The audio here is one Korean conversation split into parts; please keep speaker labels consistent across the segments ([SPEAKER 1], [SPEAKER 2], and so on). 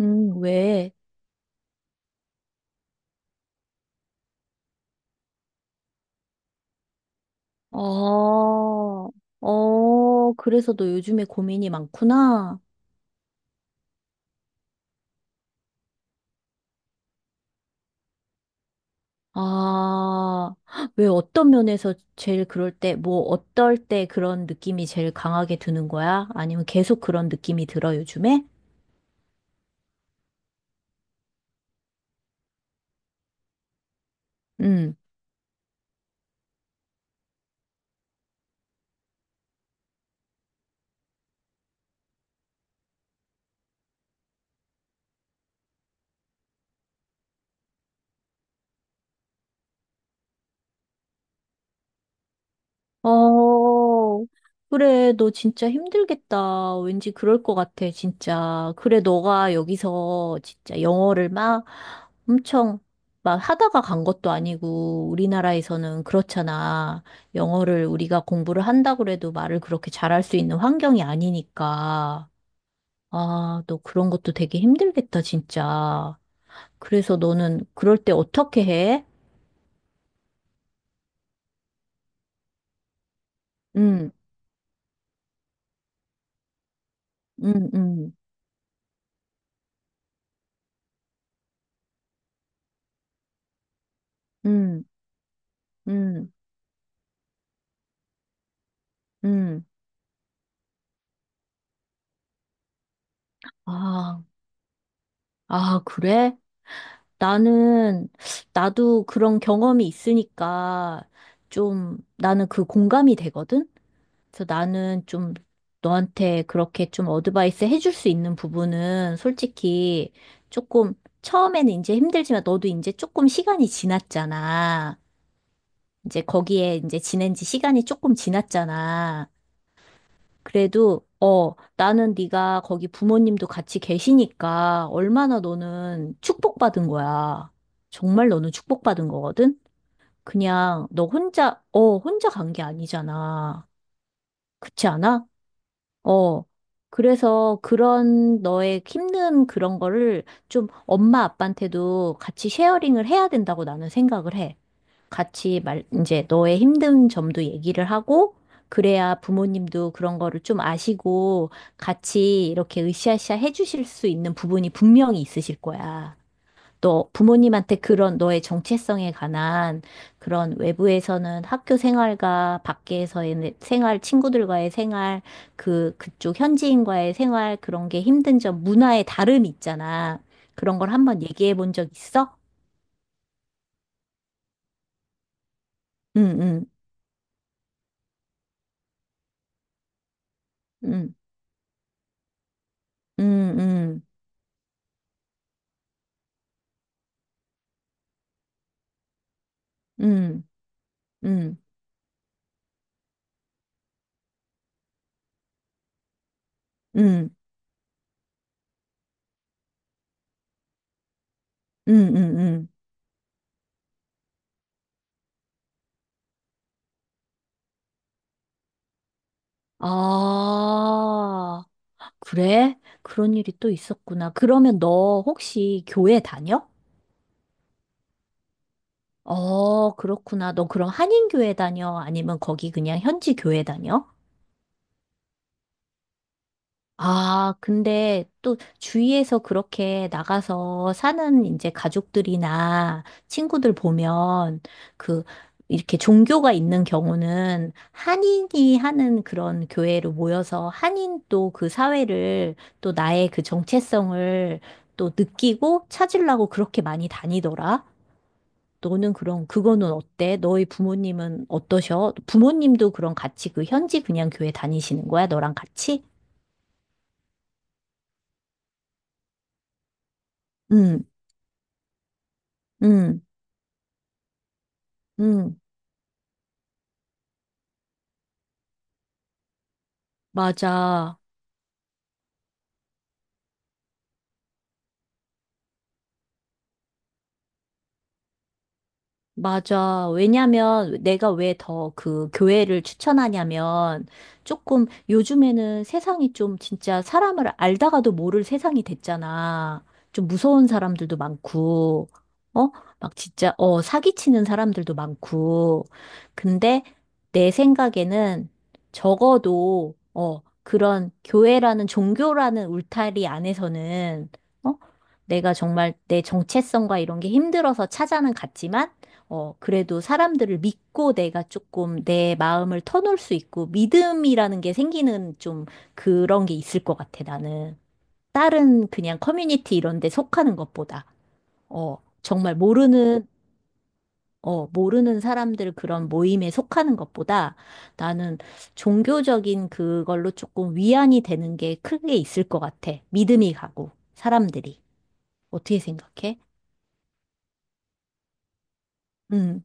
[SPEAKER 1] 왜? 아, 어, 그래서 너 요즘에 고민이 많구나. 아, 왜 어떤 면에서 제일 그럴 때, 뭐, 어떨 때 그런 느낌이 제일 강하게 드는 거야? 아니면 계속 그런 느낌이 들어, 요즘에? 음. 어, 그래, 너 진짜 힘들겠다. 왠지 그럴 것 같아, 진짜. 그래, 너가 여기서 진짜 영어를 막 엄청 막 하다가 간 것도 아니고, 우리나라에서는 그렇잖아. 영어를 우리가 공부를 한다고 해도 말을 그렇게 잘할 수 있는 환경이 아니니까. 아, 너 그런 것도 되게 힘들겠다, 진짜. 그래서 너는 그럴 때 어떻게 해? 응, 응, 응, 응, 응, 응. 아. 아, 그래? 나는, 나도 그런 경험이 있으니까 좀 나는 그 공감이 되거든? 그래서 나는 좀 너한테 그렇게 좀 어드바이스 해줄 수 있는 부분은 솔직히 조금 처음에는 이제 힘들지만 너도 이제 조금 시간이 지났잖아. 이제 거기에 이제 지낸 지 시간이 조금 지났잖아. 그래도 어 나는 네가 거기 부모님도 같이 계시니까 얼마나 너는 축복받은 거야. 정말 너는 축복받은 거거든. 그냥 너 혼자 어 혼자 간 게 아니잖아. 그렇지 않아? 어. 그래서 그런 너의 힘든 그런 거를 좀 엄마 아빠한테도 같이 쉐어링을 해야 된다고 나는 생각을 해. 같이 말, 이제 너의 힘든 점도 얘기를 하고, 그래야 부모님도 그런 거를 좀 아시고, 같이 이렇게 으쌰으쌰 해주실 수 있는 부분이 분명히 있으실 거야. 또 부모님한테 그런 너의 정체성에 관한 그런 외부에서는 학교 생활과 밖에서의 생활, 친구들과의 생활, 그, 그쪽 현지인과의 생활, 그런 게 힘든 점, 문화의 다름이 있잖아. 그런 걸 한번 얘기해 본 적 있어? 응, 응, 응, 응, 응. 음, 음, 음, 음, 음, 음. 아, 그래? 그런 일이 또 있었구나. 그러면 너 혹시 교회 다녀? 어, 그렇구나. 너 그럼 한인교회 다녀? 아니면 거기 그냥 현지 교회 다녀? 아, 근데 또 주위에서 그렇게 나가서 사는 이제 가족들이나 친구들 보면 그 이렇게 종교가 있는 경우는 한인이 하는 그런 교회로 모여서 한인 또 그 사회를 또 나의 그 정체성을 또 느끼고 찾으려고 그렇게 많이 다니더라. 너는 그럼 그거는 어때? 너희 부모님은 어떠셔? 부모님도 그럼 같이 그 현지 그냥 교회 다니시는 거야? 너랑 같이? 응. 응. 응, 맞아. 맞아. 왜냐면 내가 왜 더 그 교회를 추천하냐면 조금 요즘에는 세상이 좀 진짜 사람을 알다가도 모를 세상이 됐잖아. 좀 무서운 사람들도 많고, 어? 막 진짜, 어, 사기치는 사람들도 많고. 근데 내 생각에는 적어도, 어, 그런 교회라는 종교라는 울타리 안에서는, 어? 내가 정말 내 정체성과 이런 게 힘들어서 찾아는 갔지만, 어, 그래도 사람들을 믿고 내가 조금 내 마음을 터놓을 수 있고 믿음이라는 게 생기는 좀 그런 게 있을 것 같아, 나는. 다른 그냥 커뮤니티 이런 데 속하는 것보다. 어, 정말 모르는, 어, 모르는 사람들 그런 모임에 속하는 것보다 나는 종교적인 그걸로 조금 위안이 되는 게 크게 있을 것 같아. 믿음이 가고, 사람들이. 어떻게 생각해? 응,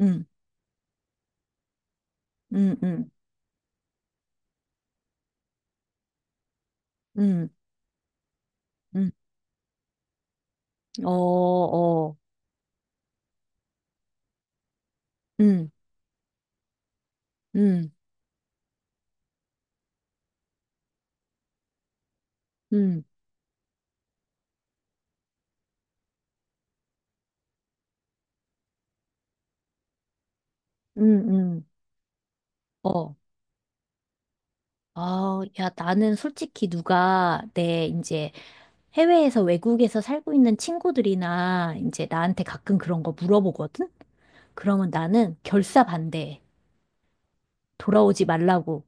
[SPEAKER 1] 응, 응, 응, 응, 응. 어, 어. 음, 음, 음, 음, 음. 어, 아, 야, 나는 솔직히 누가 내 이제 해외에서 외국에서 살고 있는 친구들이나 이제 나한테 가끔 그런 거 물어보거든? 그러면 나는 결사 반대해. 돌아오지 말라고.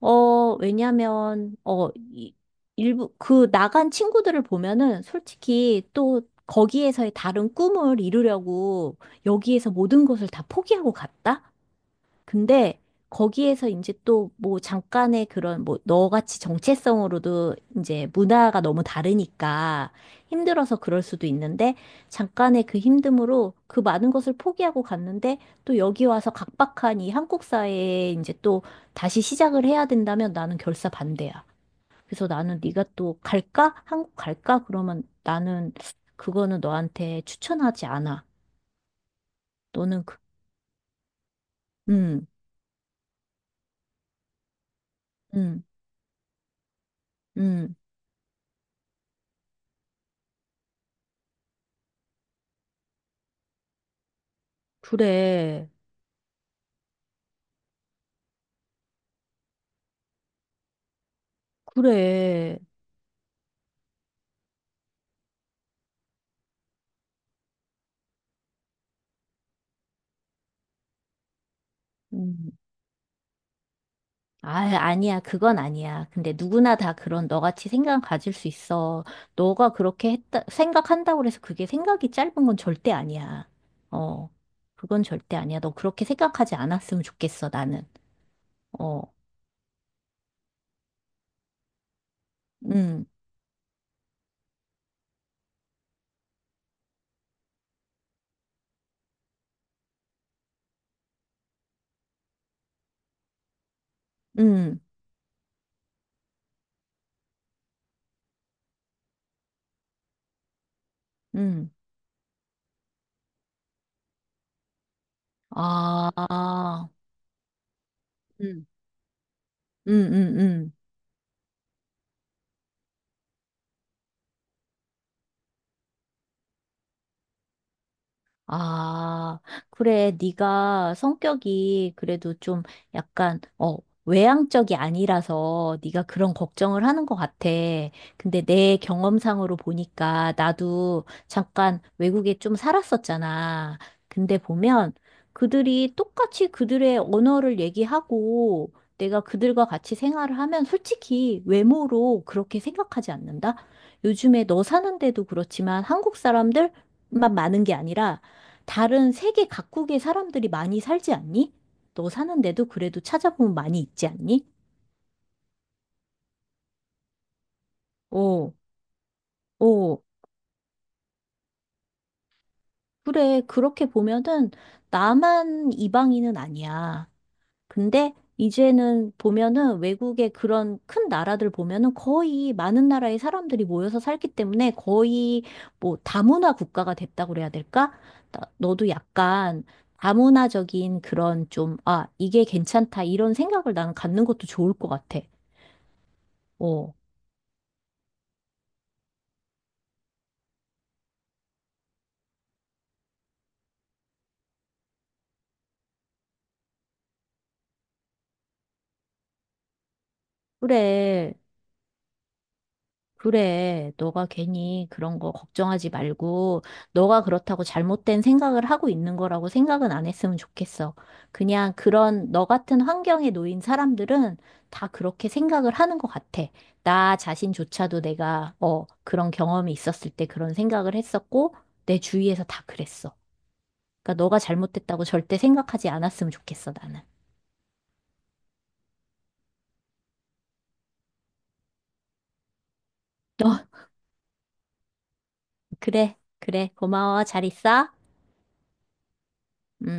[SPEAKER 1] 어, 왜냐면, 어, 이, 일부, 그 나간 친구들을 보면은 솔직히 또 거기에서의 다른 꿈을 이루려고 여기에서 모든 것을 다 포기하고 갔다? 근데 거기에서 이제 또 뭐 잠깐의 그런 뭐 너같이 정체성으로도 이제 문화가 너무 다르니까 힘들어서 그럴 수도 있는데 잠깐의 그 힘듦으로 그 많은 것을 포기하고 갔는데 또 여기 와서 각박한 이 한국 사회에 이제 또 다시 시작을 해야 된다면 나는 결사 반대야. 그래서 나는 네가 또 갈까? 한국 갈까? 그러면 나는 그거는 너한테 추천하지 않아. 너는 그, 음, 음, 음, 그래. 그래. 음. 아, 아니야. 그건 아니야. 근데 누구나 다 그런 너같이 생각 가질 수 있어. 너가 그렇게 했다, 생각한다고 해서 그게 생각이 짧은 건 절대 아니야. 어. 그건 절대 아니야. 너 그렇게 생각하지 않았으면 좋겠어, 나는. 어. 음, 음, 음. 아, 음, 응. 아, 그래. 네가 성격이 그래도 좀 약간 어 외향적이 아니라서 네가 그런 걱정을 하는 것 같아. 근데 내 경험상으로 보니까 나도 잠깐 외국에 좀 살았었잖아. 근데 보면 그들이 똑같이 그들의 언어를 얘기하고 내가 그들과 같이 생활을 하면 솔직히 외모로 그렇게 생각하지 않는다. 요즘에 너 사는데도 그렇지만 한국 사람들 만 많은 게 아니라 다른 세계 각국의 사람들이 많이 살지 않니? 너 사는데도 그래도 찾아보면 많이 있지 않니? 오, 오, 그래. 그렇게 보면은 나만 이방인은 아니야. 근데 이제는 보면은 외국의 그런 큰 나라들 보면은 거의 많은 나라의 사람들이 모여서 살기 때문에 거의 뭐 다문화 국가가 됐다고 그래야 될까? 나- 너도 약간 다문화적인 그런 좀, 아, 이게 괜찮다, 이런 생각을 나는 갖는 것도 좋을 것 같아. 어. 그래, 그래. 너가 괜히 그런 거 걱정하지 말고, 너가 그렇다고 잘못된 생각을 하고 있는 거라고 생각은 안 했으면 좋겠어. 그냥 그런 너 같은 환경에 놓인 사람들은 다 그렇게 생각을 하는 것 같아. 나 자신조차도 내가, 어, 그런 경험이 있었을 때 그런 생각을 했었고, 내 주위에서 다 그랬어. 그러니까 너가 잘못됐다고 절대 생각하지 않았으면 좋겠어, 나는. 너, 그래, 그래. 고마워. 잘 있어. 음.